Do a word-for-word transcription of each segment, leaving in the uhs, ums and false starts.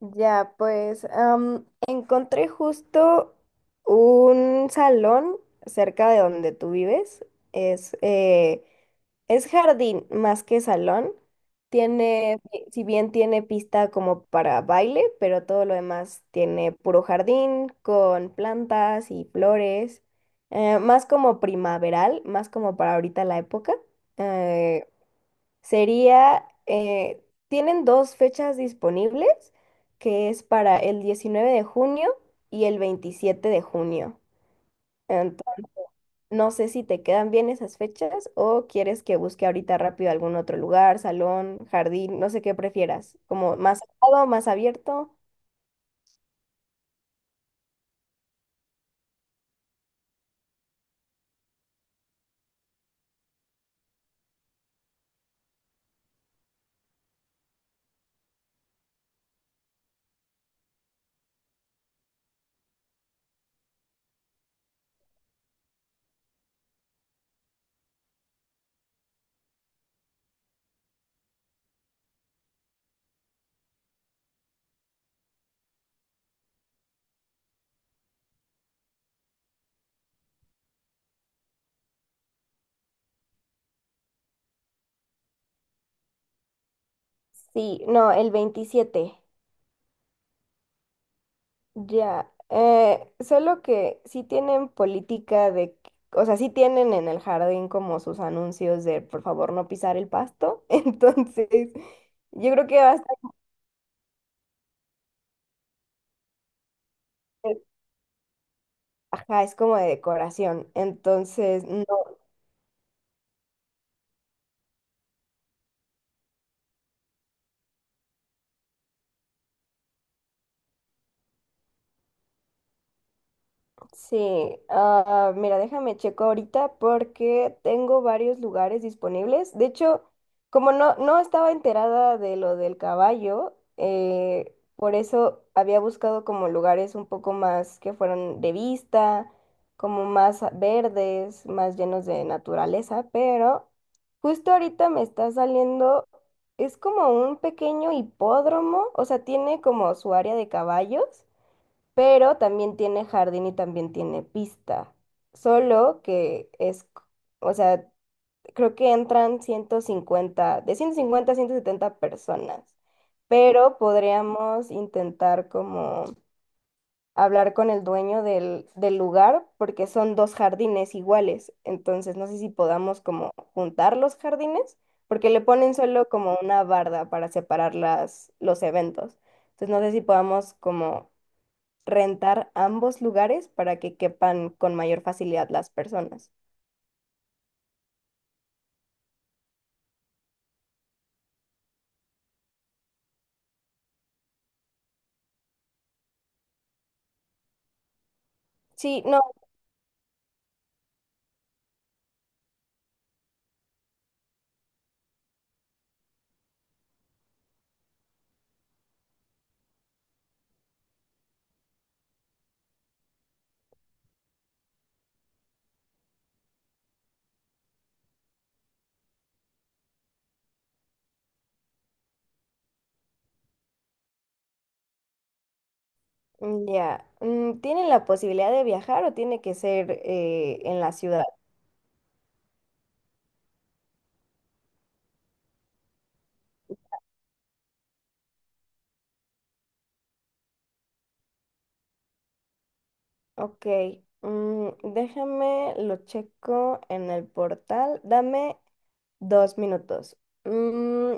Ya, pues am, encontré justo un salón cerca de donde tú vives. Es, eh, es jardín más que salón. Tiene, si si bien tiene pista como para baile, pero todo lo demás tiene puro jardín con plantas y flores. Eh, más como primaveral, más como para ahorita la época. eh, Sería, eh, Tienen dos fechas disponibles, que es para el diecinueve de junio y el veintisiete de junio. Ento- no sé si te quedan bien esas fechas o quieres que busque ahorita rápido algún otro lugar, salón, jardín, no sé qué prefieras, como más cerrado, más abierto. Sí, no, el veintisiete. Ya, eh, solo que sí tienen política de, que- o sea, sí tienen en el jardín como sus anuncios de por favor no pisar el pasto, entonces yo creo que bastante, ajá, es como de decoración, entonces sí, ah, mira, déjame checo ahorita porque tengo varios lugares disponibles. De hecho, como no, no estaba enterada de lo del caballo, eh, por eso había buscado como lugares un poco más que fueran de vista, como más a- verdes, más llenos de naturaleza, pero justo ahorita me está saliendo, es como un pequeño hipódromo, o sea, tiene como su área de caballos pero también tiene jardín y también tiene pista. Solo que es, c- o sea, creo que entran ciento cincuenta de ciento cincuenta a ciento setenta personas, pero podríamos intentar como hablar con el dueño del, del lugar porque son dos jardines iguales. Entonces, no sé si podamos como juntar los jardines. Porque le ponen solo como una barda para separar las, los eventos. Entonces no sé si podamos como rentar ambos lugares para que quepan con mayor facilidad las personas. Sí, no, mm, ya. Mm, ¿tienen la posibilidad de viajar o tiene que ser eh, en la ciudad? Ok, mm, déjame, lo checo en el portal. Dame dos minutos. Mm,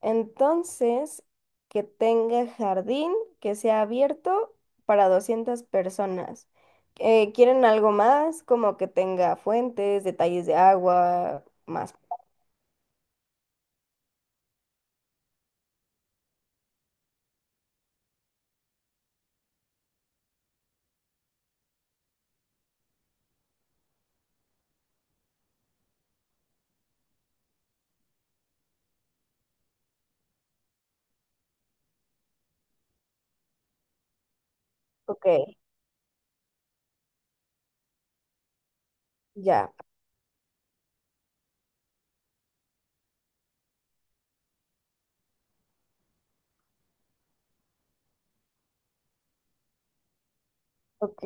entonces, que tenga jardín, que sea abierto para doscientas personas. Eh, ¿quieren algo más? Como que tenga fuentes, detalles de agua, más. Ok, ya, ok.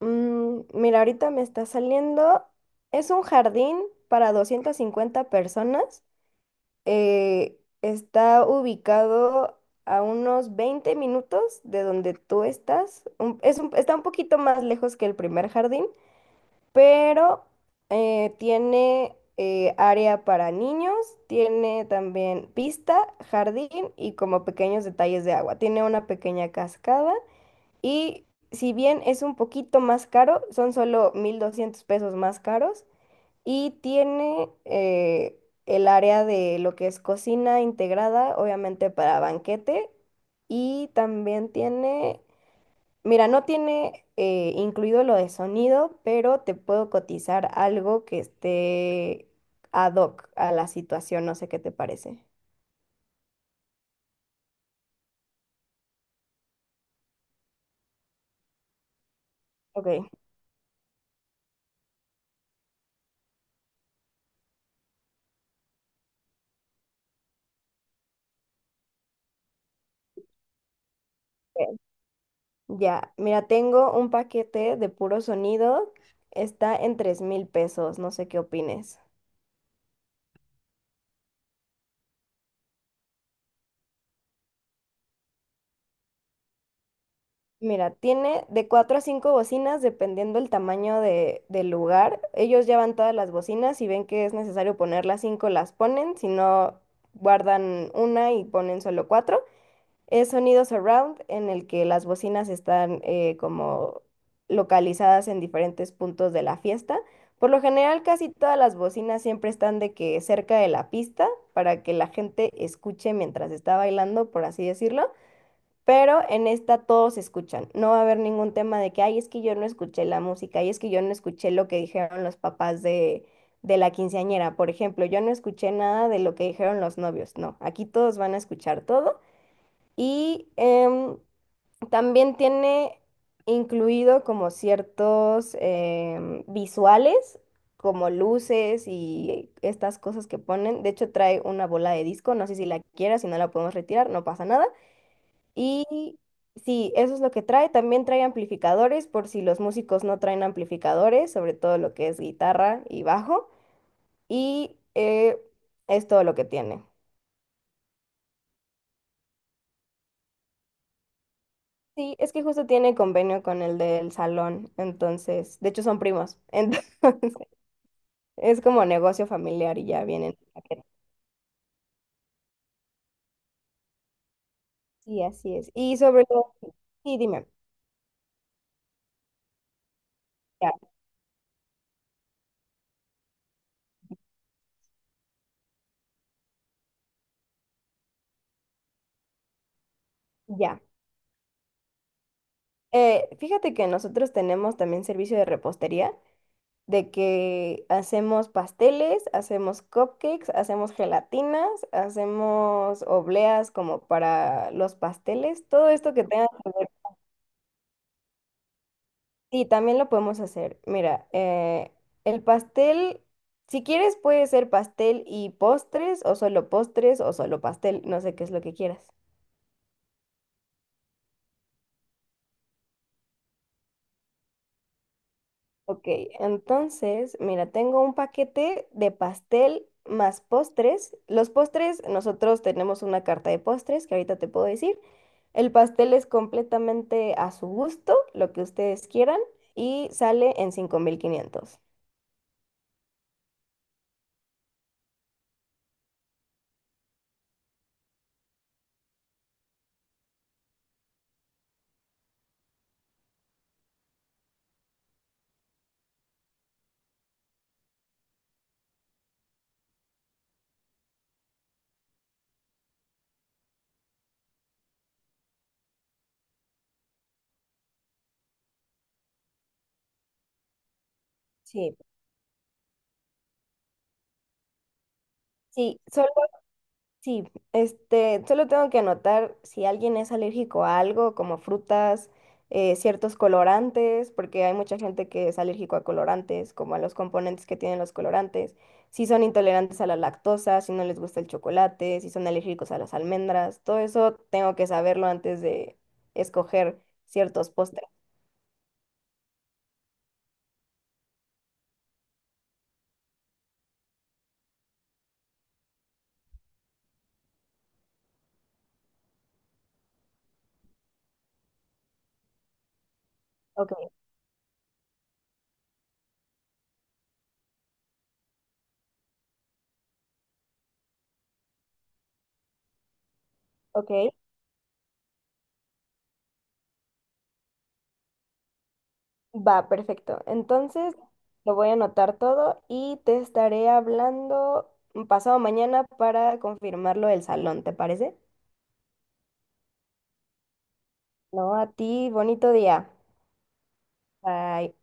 Mm, mira, ahorita me está saliendo. Es un jardín para doscientas cincuenta personas. Eh, está ubicado a unos veinte minutos de donde tú estás. Un- es un- está un poquito más lejos que el primer jardín. Pero eh, tiene eh, área para niños, tiene también pista, jardín y como pequeños detalles de agua. Tiene una pequeña cascada y si bien es un poquito más caro, son solo mil doscientos pesos más caros y tiene eh, el área de lo que es cocina integrada, obviamente para banquete y también tiene... Mira, no tiene eh, incluido lo de sonido, pero te puedo cotizar algo que esté ad hoc a la situación, no sé qué te parece. Ok, ok, ya, mira, tengo un paquete de puro sonido, está en tres mil pesos, no sé qué opines. Mira, tiene de cuatro a cinco bocinas dependiendo el tamaño de, del lugar. Ellos llevan todas las bocinas y ven que es necesario poner las cinco, las ponen, si no, guardan una y ponen solo cuatro. Es sonido surround en el que las bocinas están eh, como localizadas en diferentes puntos de la fiesta. Por lo general, casi todas las bocinas siempre están de que cerca de la pista para que la gente escuche mientras está bailando, por así decirlo. Pero en esta todos escuchan. No va a haber ningún tema de que, ay, es que yo no escuché la música, ay, es que yo no escuché lo que dijeron los papás de, de la quinceañera. Por ejemplo, yo no escuché nada de lo que dijeron los novios. No, aquí todos van a escuchar todo. Y em, también tiene incluido como ciertos em, visuales, como luces y estas cosas que ponen. De hecho, trae una bola de disco. No sé si la quieras, si no la podemos retirar, no pasa nada. Y sí, eso es lo que trae. También trae amplificadores por si los músicos no traen amplificadores, sobre todo lo que es guitarra y bajo. Y eh, es todo lo que tiene. Sí, es que justo tiene convenio con el del salón, entonces, de hecho son primos, entonces es como negocio familiar y ya vienen. a que- Sí, así es. Y sobre todo, sí, dime, ya, ya. Eh, fíjate que nosotros tenemos también servicio de repostería, de que hacemos pasteles, hacemos cupcakes, hacemos gelatinas, hacemos obleas como para los pasteles, todo esto que tenga que ver sí, también lo podemos hacer. Mira, eh, el pastel, si quieres puede ser pastel y postres o solo postres o solo pastel, no sé qué es lo que quieras. Ok, entonces, mira, tengo un paquete de pastel más postres. Los postres, nosotros tenemos una carta de postres que ahorita te puedo decir. El pastel es completamente a su gusto, lo que ustedes quieran, y sale en cinco mil quinientos. Sí. Sí, solo. Sí, este, solo tengo que anotar si alguien es alérgico a algo, como frutas, eh, ciertos colorantes, porque hay mucha gente que es alérgico a colorantes, como a los componentes que tienen los colorantes, si son intolerantes a la lactosa, si no les gusta el chocolate, si son alérgicos a las almendras, todo eso tengo que saberlo antes de escoger ciertos postres. Ok, ok. Va, perfecto. Entonces, lo voy a anotar todo y te estaré hablando pasado mañana para confirmarlo el salón, ¿te parece? No, a ti, bonito día. Bye.